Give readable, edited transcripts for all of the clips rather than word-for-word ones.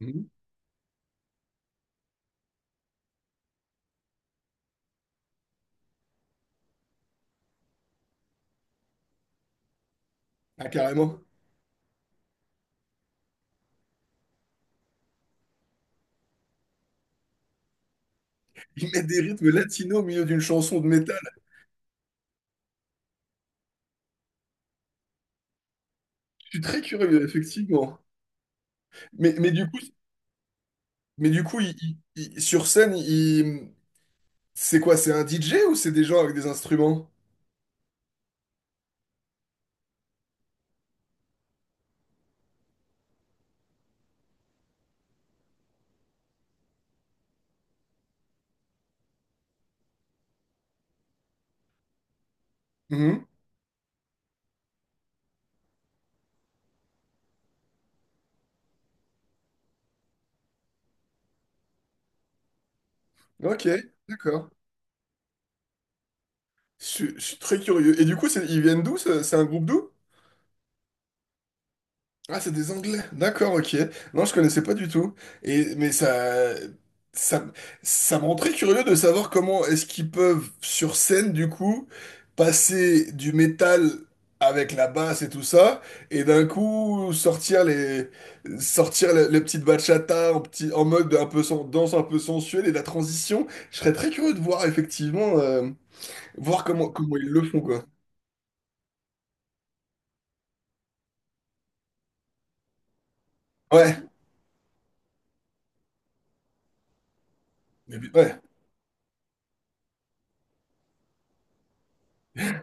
Mhm. Ah, carrément. Ils mettent des rythmes latinos au milieu d'une chanson de métal. Je suis très curieux, effectivement. Mais, mais du coup, mais du coup il- sur scène, c'est quoi? C'est un DJ ou c'est des gens avec des instruments? Mhm. Ok, d'accord. Je suis très curieux. Et du coup, ils viennent d'où? C'est un groupe d'où? Ah, c'est des Anglais. D'accord, ok. Non, je connaissais pas du tout. Et mais ça, ça me rend très curieux de savoir comment est-ce qu'ils peuvent sur scène du coup passer du métal avec la basse et tout ça, et d'un coup sortir les petites bachata en petit, en mode un peu danse un peu sensuelle et la transition. Je serais très curieux de voir effectivement, voir comment ils le font quoi. Ouais. Ouais.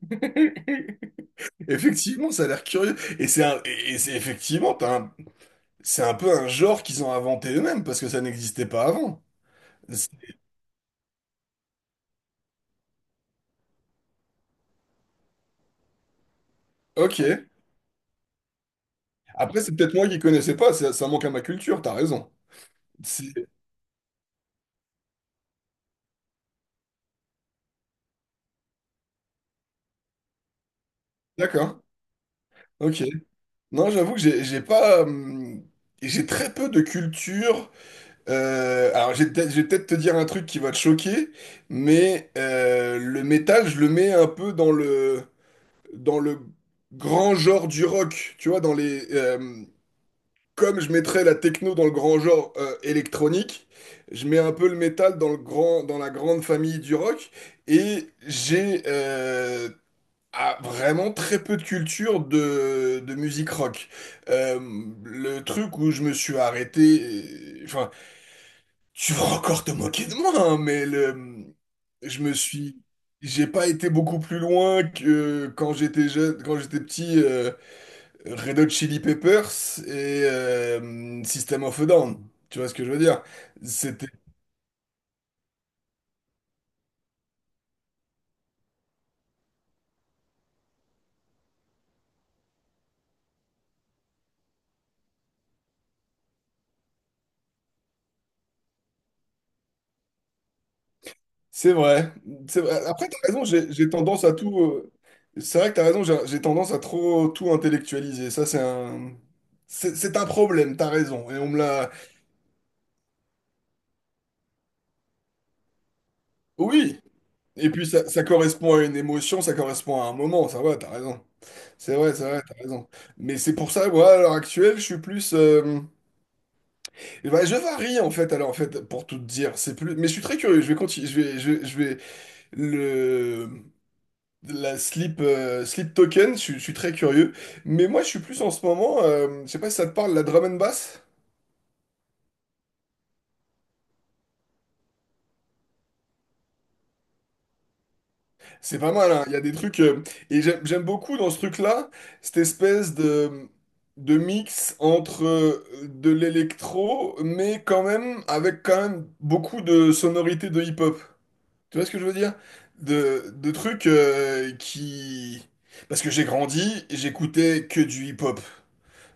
Effectivement, ça a l'air curieux. Et c'est effectivement, c'est un peu un genre qu'ils ont inventé eux-mêmes parce que ça n'existait pas avant. C'est- Ok. Après, c'est peut-être moi qui connaissais pas, ça manque à ma culture, t'as raison. C'est- D'accord. Ok. Non, j'avoue que j'ai pas. J'ai très peu de culture. Alors, je vais peut-être te dire un truc qui va te choquer, mais le métal, je le mets un peu dans le grand genre du rock, tu vois, dans les. Comme je mettrais la techno dans le grand genre électronique, je mets un peu le métal dans le grand, dans la grande famille du rock, et j'ai vraiment très peu de culture de musique rock. Euh, le truc où je me suis arrêté, enfin, tu vas encore te moquer de moi, hein, mais le, je me suis, j'ai pas été beaucoup plus loin que quand j'étais jeune, quand j'étais petit. Red Hot Chili Peppers et System of a Down. Tu vois ce que je veux dire? C'était, c'est vrai. C'est vrai. Après, t'as raison, j'ai tendance à tout. C'est vrai que t'as raison, j'ai tendance à trop tout intellectualiser. Ça, c'est un problème, t'as raison. Et on me l'a. Oui! Et puis ça correspond à une émotion, ça correspond à un moment, ça va, t'as raison. C'est vrai, t'as raison. Mais c'est pour ça, moi, à l'heure actuelle, je suis plus. Eh ben, je varie en fait, alors en fait, pour tout te dire, c'est plus. Mais je suis très curieux. Je vais continuer. Je vais le la slip slip token. Je suis très curieux. Mais moi, je suis plus en ce moment. Je sais pas si ça te parle la drum and bass. C'est pas mal, hein. Il y a des trucs et j'aime beaucoup dans ce truc-là cette espèce de mix entre de l'électro, mais quand même avec quand même beaucoup de sonorités de hip-hop. Tu vois ce que je veux dire? De trucs qui... Parce que j'ai grandi, j'écoutais que du hip-hop.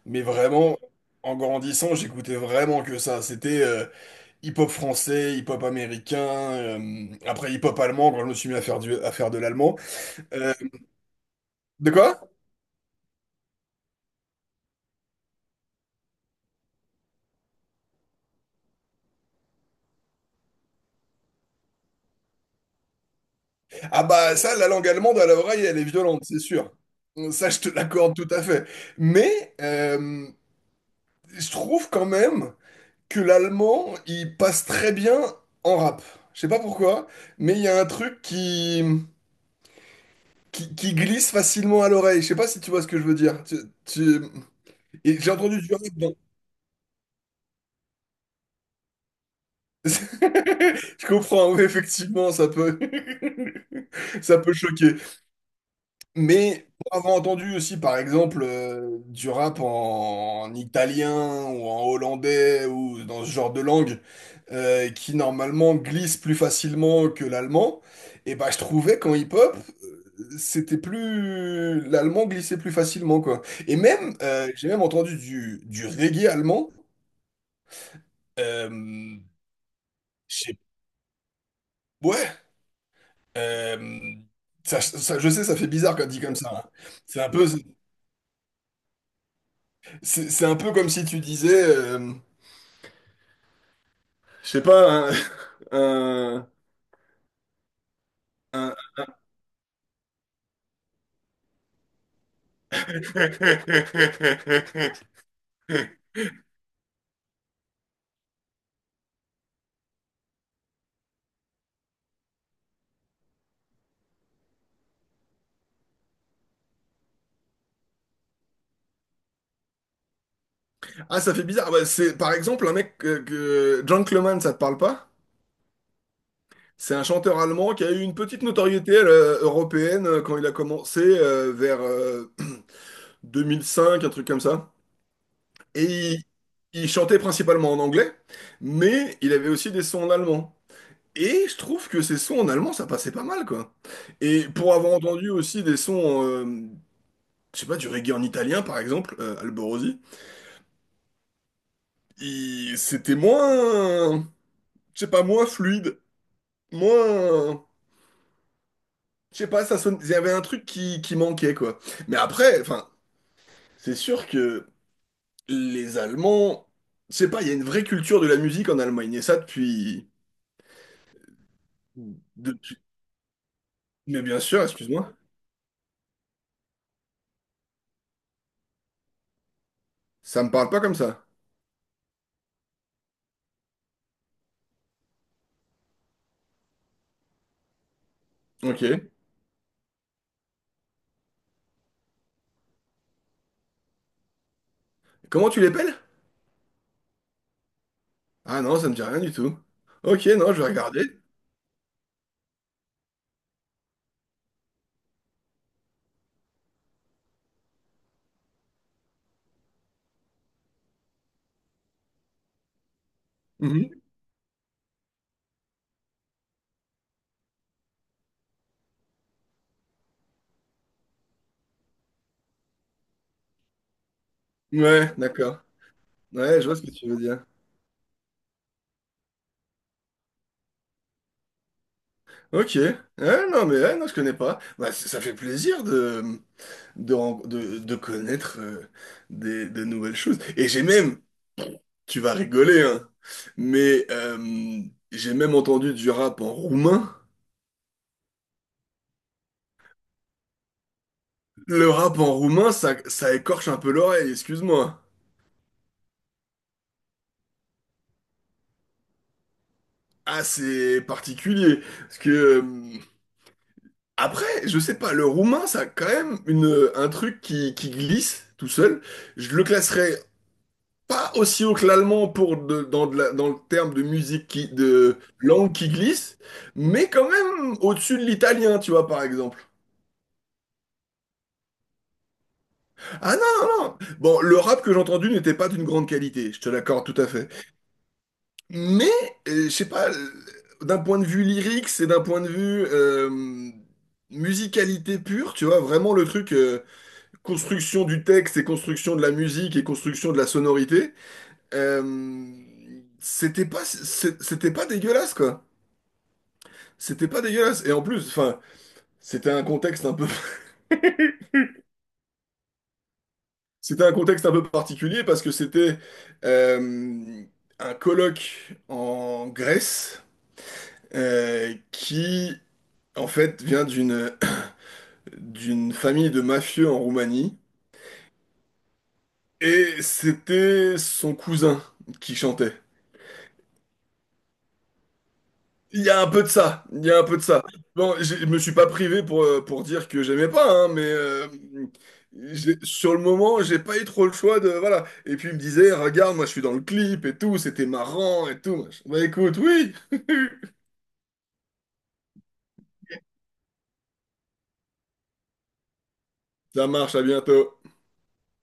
Mais vraiment, en grandissant, j'écoutais vraiment que ça. C'était hip-hop français, hip-hop américain, après hip-hop allemand, quand je me suis mis à faire, à faire de l'allemand. Euh, de quoi? Ah bah ça, la langue allemande à l'oreille, elle est violente, c'est sûr. Ça, je te l'accorde tout à fait. Mais je trouve quand même que l'allemand, il passe très bien en rap. Je sais pas pourquoi, mais il y a un truc qui glisse facilement à l'oreille. Je sais pas si tu vois ce que je veux dire. Tu- Et j'ai entendu du rap Je comprends, oui, effectivement, ça peut... Ça peut choquer. Mais pour avoir entendu aussi, par exemple, du rap en italien ou en hollandais ou dans ce genre de langue qui normalement glisse plus facilement que l'allemand, et bah je trouvais qu'en hip-hop, c'était plus l'allemand glissait plus facilement, quoi. Et même, j'ai même entendu du reggae allemand. Euh, j'ai- Ouais, euh, ça, je sais, ça fait bizarre quand dit comme ça, hein. C'est un peu, c'est un peu comme si tu disais... Je sais pas, un, un- un- Ah, ça fait bizarre. Bah, c'est par exemple un mec que John Cleman, ça te parle pas? C'est un chanteur allemand qui a eu une petite notoriété européenne quand il a commencé vers 2005, un truc comme ça. Et il chantait principalement en anglais, mais il avait aussi des sons en allemand. Et je trouve que ces sons en allemand, ça passait pas mal, quoi. Et pour avoir entendu aussi des sons, je sais pas, du reggae en italien, par exemple, Alborosi. C'était moins, je sais pas, moins fluide, moins, je sais pas, ça sonne, il y avait un truc qui manquait, quoi. Mais après, enfin, c'est sûr que les Allemands, je sais pas, il y a une vraie culture de la musique en Allemagne, et ça depuis, depuis... Mais bien sûr, excuse-moi, ça me parle pas comme ça. Ok. Comment tu l'appelles? Ah non, ça me dit rien du tout. Ok, non, je vais regarder. Mhm. Ouais, d'accord. Ouais, je vois ce que tu veux dire. Ok. Ouais, non, mais ouais, non, je connais pas. Bah, ça fait plaisir de de connaître des, de nouvelles choses. Et j'ai même, tu vas rigoler, hein, mais j'ai même entendu du rap en roumain. Le rap en roumain, ça écorche un peu l'oreille, excuse-moi. Ah, c'est particulier. Parce que, après, je sais pas, le roumain, ça a quand même une, un truc qui glisse tout seul. Je le classerais pas aussi haut que l'allemand pour dans le terme de musique de langue qui glisse, mais quand même au-dessus de l'italien, tu vois, par exemple. Ah non, non, non. Bon, le rap que j'ai entendu n'était pas d'une grande qualité, je te l'accorde tout à fait. Mais, je sais pas, d'un point de vue lyrique, c'est d'un point de vue musicalité pure, tu vois, vraiment le truc, construction du texte et construction de la musique et construction de la sonorité, euh, c'était pas, c'était pas dégueulasse, quoi. C'était pas dégueulasse. Et en plus, enfin, c'était un contexte un peu, c'était un contexte un peu particulier parce que c'était euh, un colloque en Grèce qui, en fait, vient d'une d'une famille de mafieux en Roumanie et c'était son cousin qui chantait. Il y a un peu de ça, il y a un peu de ça. Bon, je me suis pas privé pour dire que j'aimais pas, hein, mais sur le moment, j'ai pas eu trop le choix de... Voilà. Et puis il me disait, regarde, moi je suis dans le clip et tout, c'était marrant et tout. Bah écoute, oui, ça marche, à bientôt.